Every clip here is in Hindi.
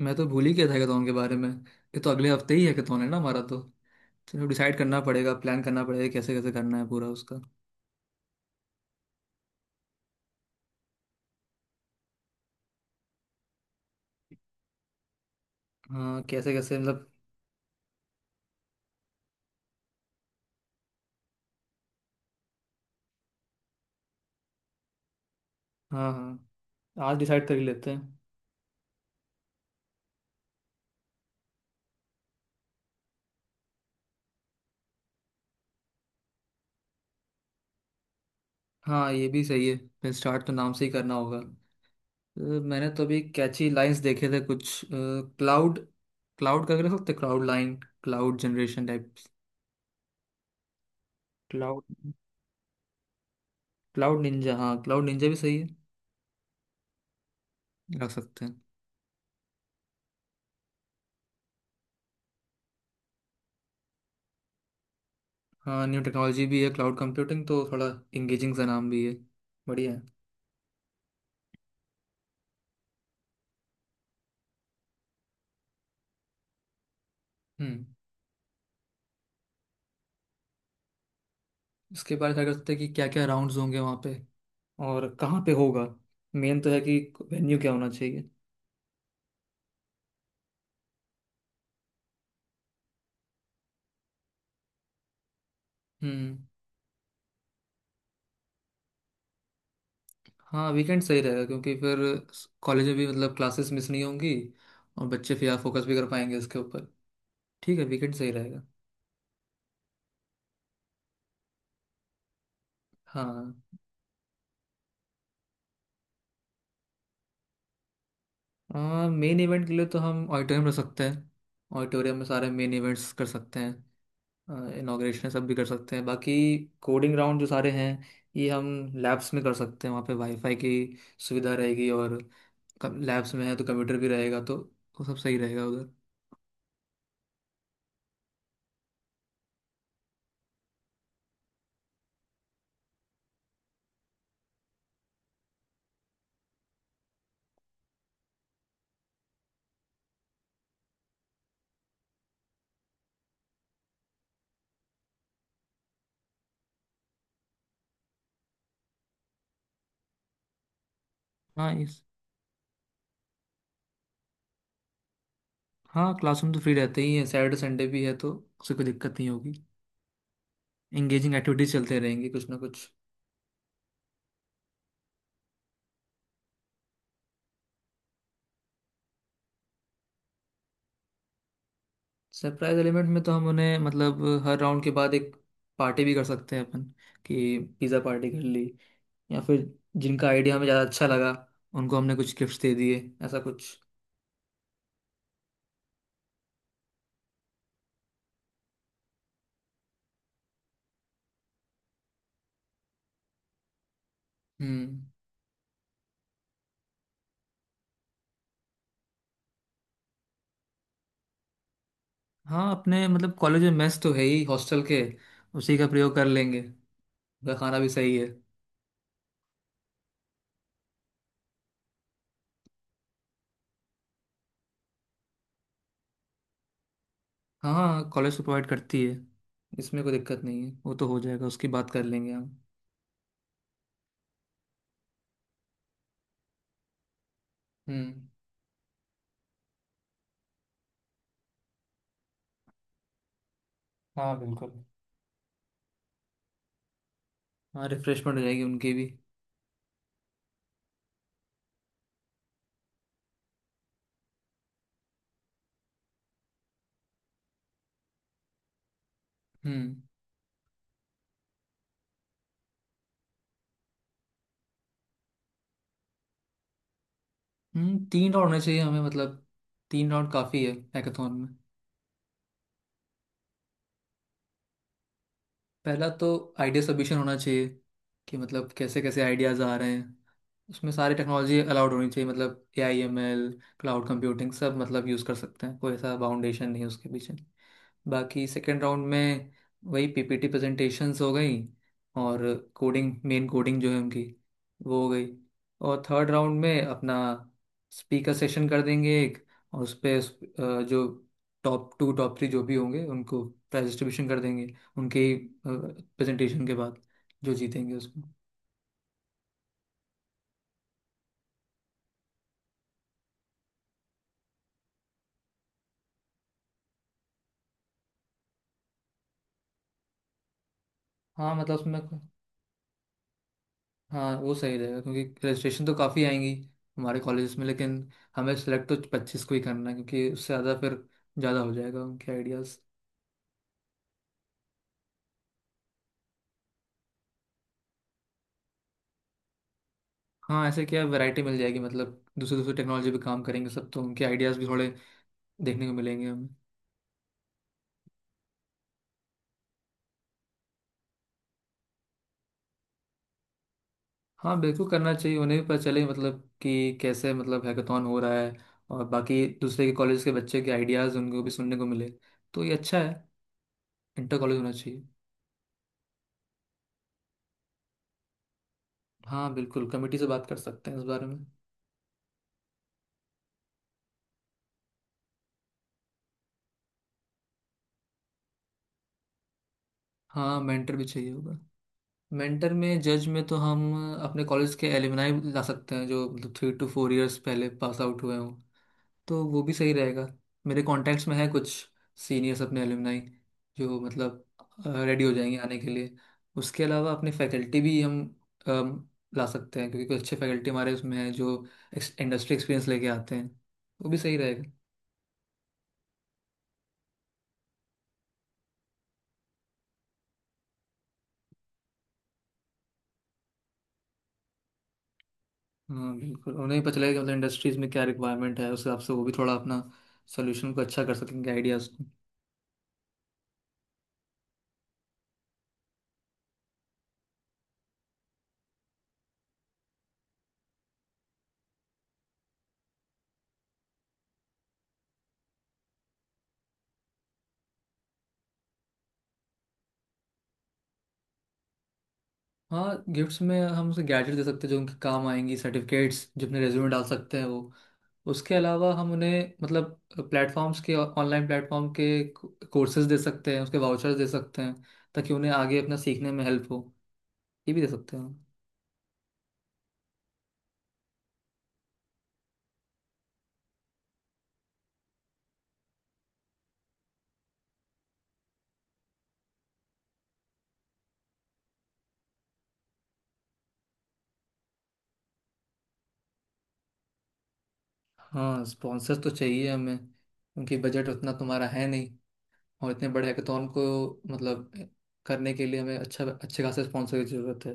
मैं तो भूल ही गया था हैकाथॉन के बारे में। ये तो अगले हफ्ते ही हैकाथॉन है ना हमारा तो। चलो, डिसाइड करना पड़ेगा, प्लान करना पड़ेगा कैसे कैसे करना है पूरा उसका। हाँ, कैसे कैसे मतलब। हाँ, हाँ। आज डिसाइड कर ही लेते हैं। हाँ, ये भी सही है। फिर स्टार्ट तो नाम से ही करना होगा। तो मैंने तो अभी कैची लाइंस देखे थे कुछ, क्लाउड, क्लाउड करके रख सकते, cloud line, cloud generation type. Cloud, cloud ninja, हाँ, क्लाउड निंजा भी सही है। रख सकते हैं। हाँ, न्यू टेक्नोलॉजी भी है क्लाउड कंप्यूटिंग तो, थोड़ा इंगेजिंग सा नाम भी है। बढ़िया है। हम्म। इसके बारे में क्या कर सकते हैं कि क्या क्या राउंड्स होंगे वहाँ पे, और कहाँ पे होगा। मेन तो है कि वेन्यू क्या होना चाहिए। हम्म। हाँ, वीकेंड सही रहेगा क्योंकि फिर कॉलेज में भी मतलब क्लासेस मिस नहीं होंगी और बच्चे फिर फोकस भी कर पाएंगे इसके ऊपर। ठीक है, वीकेंड सही रहेगा। हाँ, हाँ। मेन इवेंट के लिए तो हम ऑडिटोरियम रख सकते हैं। ऑडिटोरियम में सारे मेन इवेंट्स कर सकते हैं, इनाग्रेशन सब भी कर सकते हैं। बाकी कोडिंग राउंड जो सारे हैं ये हम लैब्स में कर सकते हैं, वहाँ पे वाईफाई की सुविधा रहेगी, और लैब्स में है तो कंप्यूटर भी रहेगा तो वो सब सही रहेगा उधर। हाँ इस हाँ, क्लासरूम तो फ्री रहते ही हैं, सैटरडे संडे भी है तो उससे कोई दिक्कत नहीं होगी। एंगेजिंग एक्टिविटीज चलते रहेंगे कुछ ना कुछ। सरप्राइज एलिमेंट में तो हम उन्हें मतलब हर राउंड के बाद एक पार्टी भी कर सकते हैं अपन, कि पिज़्ज़ा पार्टी कर ली, या फिर जिनका आइडिया हमें ज़्यादा अच्छा लगा उनको हमने कुछ गिफ्ट्स दे दिए, ऐसा कुछ। हम्म हाँ, अपने मतलब कॉलेज में मेस तो है ही हॉस्टल के, उसी का प्रयोग कर लेंगे। उनका खाना भी सही है। हाँ, हाँ, कॉलेज तो प्रोवाइड करती है, इसमें कोई दिक्कत नहीं है, वो तो हो जाएगा, उसकी बात कर लेंगे हम। हम्म। हाँ, बिल्कुल। हाँ, रिफ्रेशमेंट हो जाएगी उनकी भी। हम्म। तीन राउंड होने चाहिए हमें मतलब, तीन राउंड काफ़ी है हैकाथॉन में। पहला तो आइडिया सबमिशन होना चाहिए, कि मतलब कैसे कैसे आइडियाज़ आ रहे हैं। उसमें सारी टेक्नोलॉजी अलाउड होनी चाहिए, मतलब AI ML, क्लाउड कंप्यूटिंग सब मतलब यूज़ कर सकते हैं, कोई ऐसा बाउंडेशन नहीं है उसके पीछे। बाकी सेकेंड राउंड में वही PPT प्रेजेंटेशंस हो गई और कोडिंग, मेन कोडिंग जो है उनकी वो हो गई। और थर्ड राउंड में अपना स्पीकर सेशन कर देंगे एक, और उस पे जो टॉप टू टॉप थ्री जो भी होंगे उनको प्राइज डिस्ट्रीब्यूशन कर देंगे उनके प्रेजेंटेशन के बाद, जो जीतेंगे उसको। हाँ, मतलब उसमें, हाँ, वो सही रहेगा क्योंकि रजिस्ट्रेशन तो काफ़ी आएंगी हमारे कॉलेज में, लेकिन हमें सेलेक्ट तो 25 को ही करना है, क्योंकि उससे ज़्यादा फिर ज़्यादा हो जाएगा उनके आइडियाज़। हाँ, ऐसे क्या वैरायटी मिल जाएगी, मतलब दूसरे दूसरे टेक्नोलॉजी पे काम करेंगे सब तो उनके आइडियाज़ भी थोड़े देखने को मिलेंगे हमें। हाँ, बिल्कुल करना चाहिए, उन्हें भी पता चले मतलब कि कैसे मतलब हैकाथॉन हो रहा है, और बाकी दूसरे के कॉलेज के बच्चे के आइडियाज़ उनको भी सुनने को मिले, तो ये अच्छा है। इंटर कॉलेज होना चाहिए। हाँ, बिल्कुल कमेटी से बात कर सकते हैं इस बारे में। हाँ, मेंटर भी चाहिए होगा। मेंटर में जज में तो हम अपने कॉलेज के एलुमनाई ला सकते हैं जो मतलब 3 टू 4 इयर्स पहले पास आउट हुए हों, तो वो भी सही रहेगा। मेरे कॉन्टैक्ट्स में है कुछ सीनियर्स, अपने एलुमनाई, जो मतलब रेडी हो जाएंगे आने के लिए। उसके अलावा अपने फैकल्टी भी हम अम, ला सकते हैं, क्योंकि कुछ अच्छे फैकल्टी हमारे उसमें हैं जो इंडस्ट्री एक्सपीरियंस लेके आते हैं, वो भी सही रहेगा। हाँ, बिल्कुल, उन्हें भी पता चलेगा कि मतलब इंडस्ट्रीज में क्या रिक्वायरमेंट है, उस हिसाब से वो भी थोड़ा अपना सोल्यूशन को अच्छा कर सकेंगे, आइडियाज़। हाँ, गिफ्ट्स में हम उसे गैजेट दे सकते हैं जो उनके काम आएंगी, सर्टिफिकेट्स जो अपने रेज्यूमे डाल सकते हैं वो, उसके अलावा हम उन्हें मतलब प्लेटफॉर्म्स के, ऑनलाइन प्लेटफॉर्म के कोर्सेज दे सकते हैं, उसके वाउचर्स दे सकते हैं, ताकि उन्हें आगे अपना सीखने में हेल्प हो, ये भी दे सकते हैं हम। हाँ, स्पॉन्सर्स तो चाहिए हमें। उनकी बजट उतना तुम्हारा है, और इतने बड़े हैकाथॉन को मतलब करने के लिए हमें अच्छा, अच्छे खासे स्पॉन्सर की ज़रूरत है।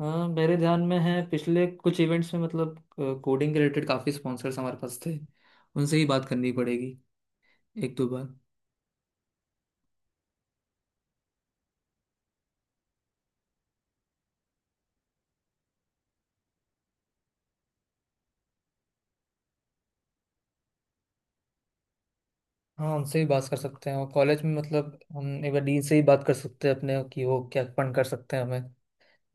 हाँ, मेरे ध्यान में है पिछले कुछ इवेंट्स में मतलब कोडिंग के रिलेटेड काफ़ी स्पॉन्सर्स हमारे पास थे, उनसे ही बात करनी पड़ेगी एक दो बार। हाँ, उनसे भी बात कर सकते हैं, और कॉलेज में मतलब हम एक बार डीन से ही बात कर सकते हैं अपने कि वो क्या फंड कर सकते हैं हमें।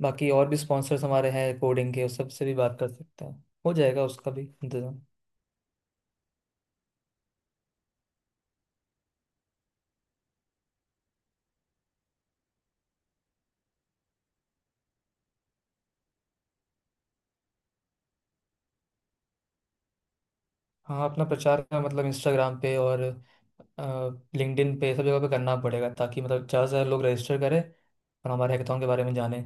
बाकी और भी स्पॉन्सर्स हमारे हैं कोडिंग के, उस सब से भी बात कर सकते हैं, हो जाएगा उसका भी इंतजाम। हाँ, अपना प्रचार का मतलब इंस्टाग्राम पे और लिंक्डइन पे सब जगह पे करना पड़ेगा, ताकि मतलब ज़्यादा से ज़्यादा लोग रजिस्टर करें और हमारे हैकेथॉन के बारे में जाने।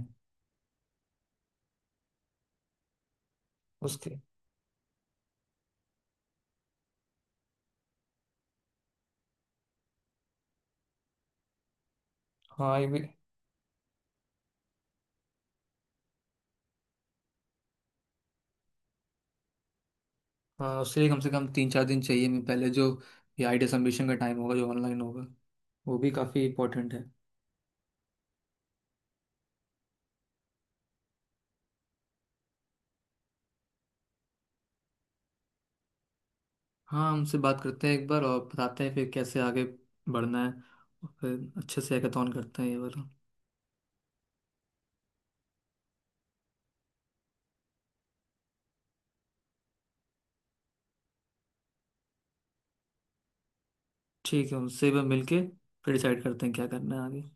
उसके, हाँ, ये भी। हाँ, उससे कम से कम 3-4 दिन चाहिए मैं पहले, जो ये आइडिया सबमिशन का टाइम होगा जो ऑनलाइन होगा, वो भी काफ़ी इंपॉर्टेंट है। हाँ, उनसे बात करते हैं एक बार और बताते हैं फिर कैसे आगे बढ़ना है, और फिर अच्छे से हैकेथॉन करते हैं ये वाला। ठीक है, उनसे भी मिलके फिर डिसाइड करते हैं क्या करना है आगे।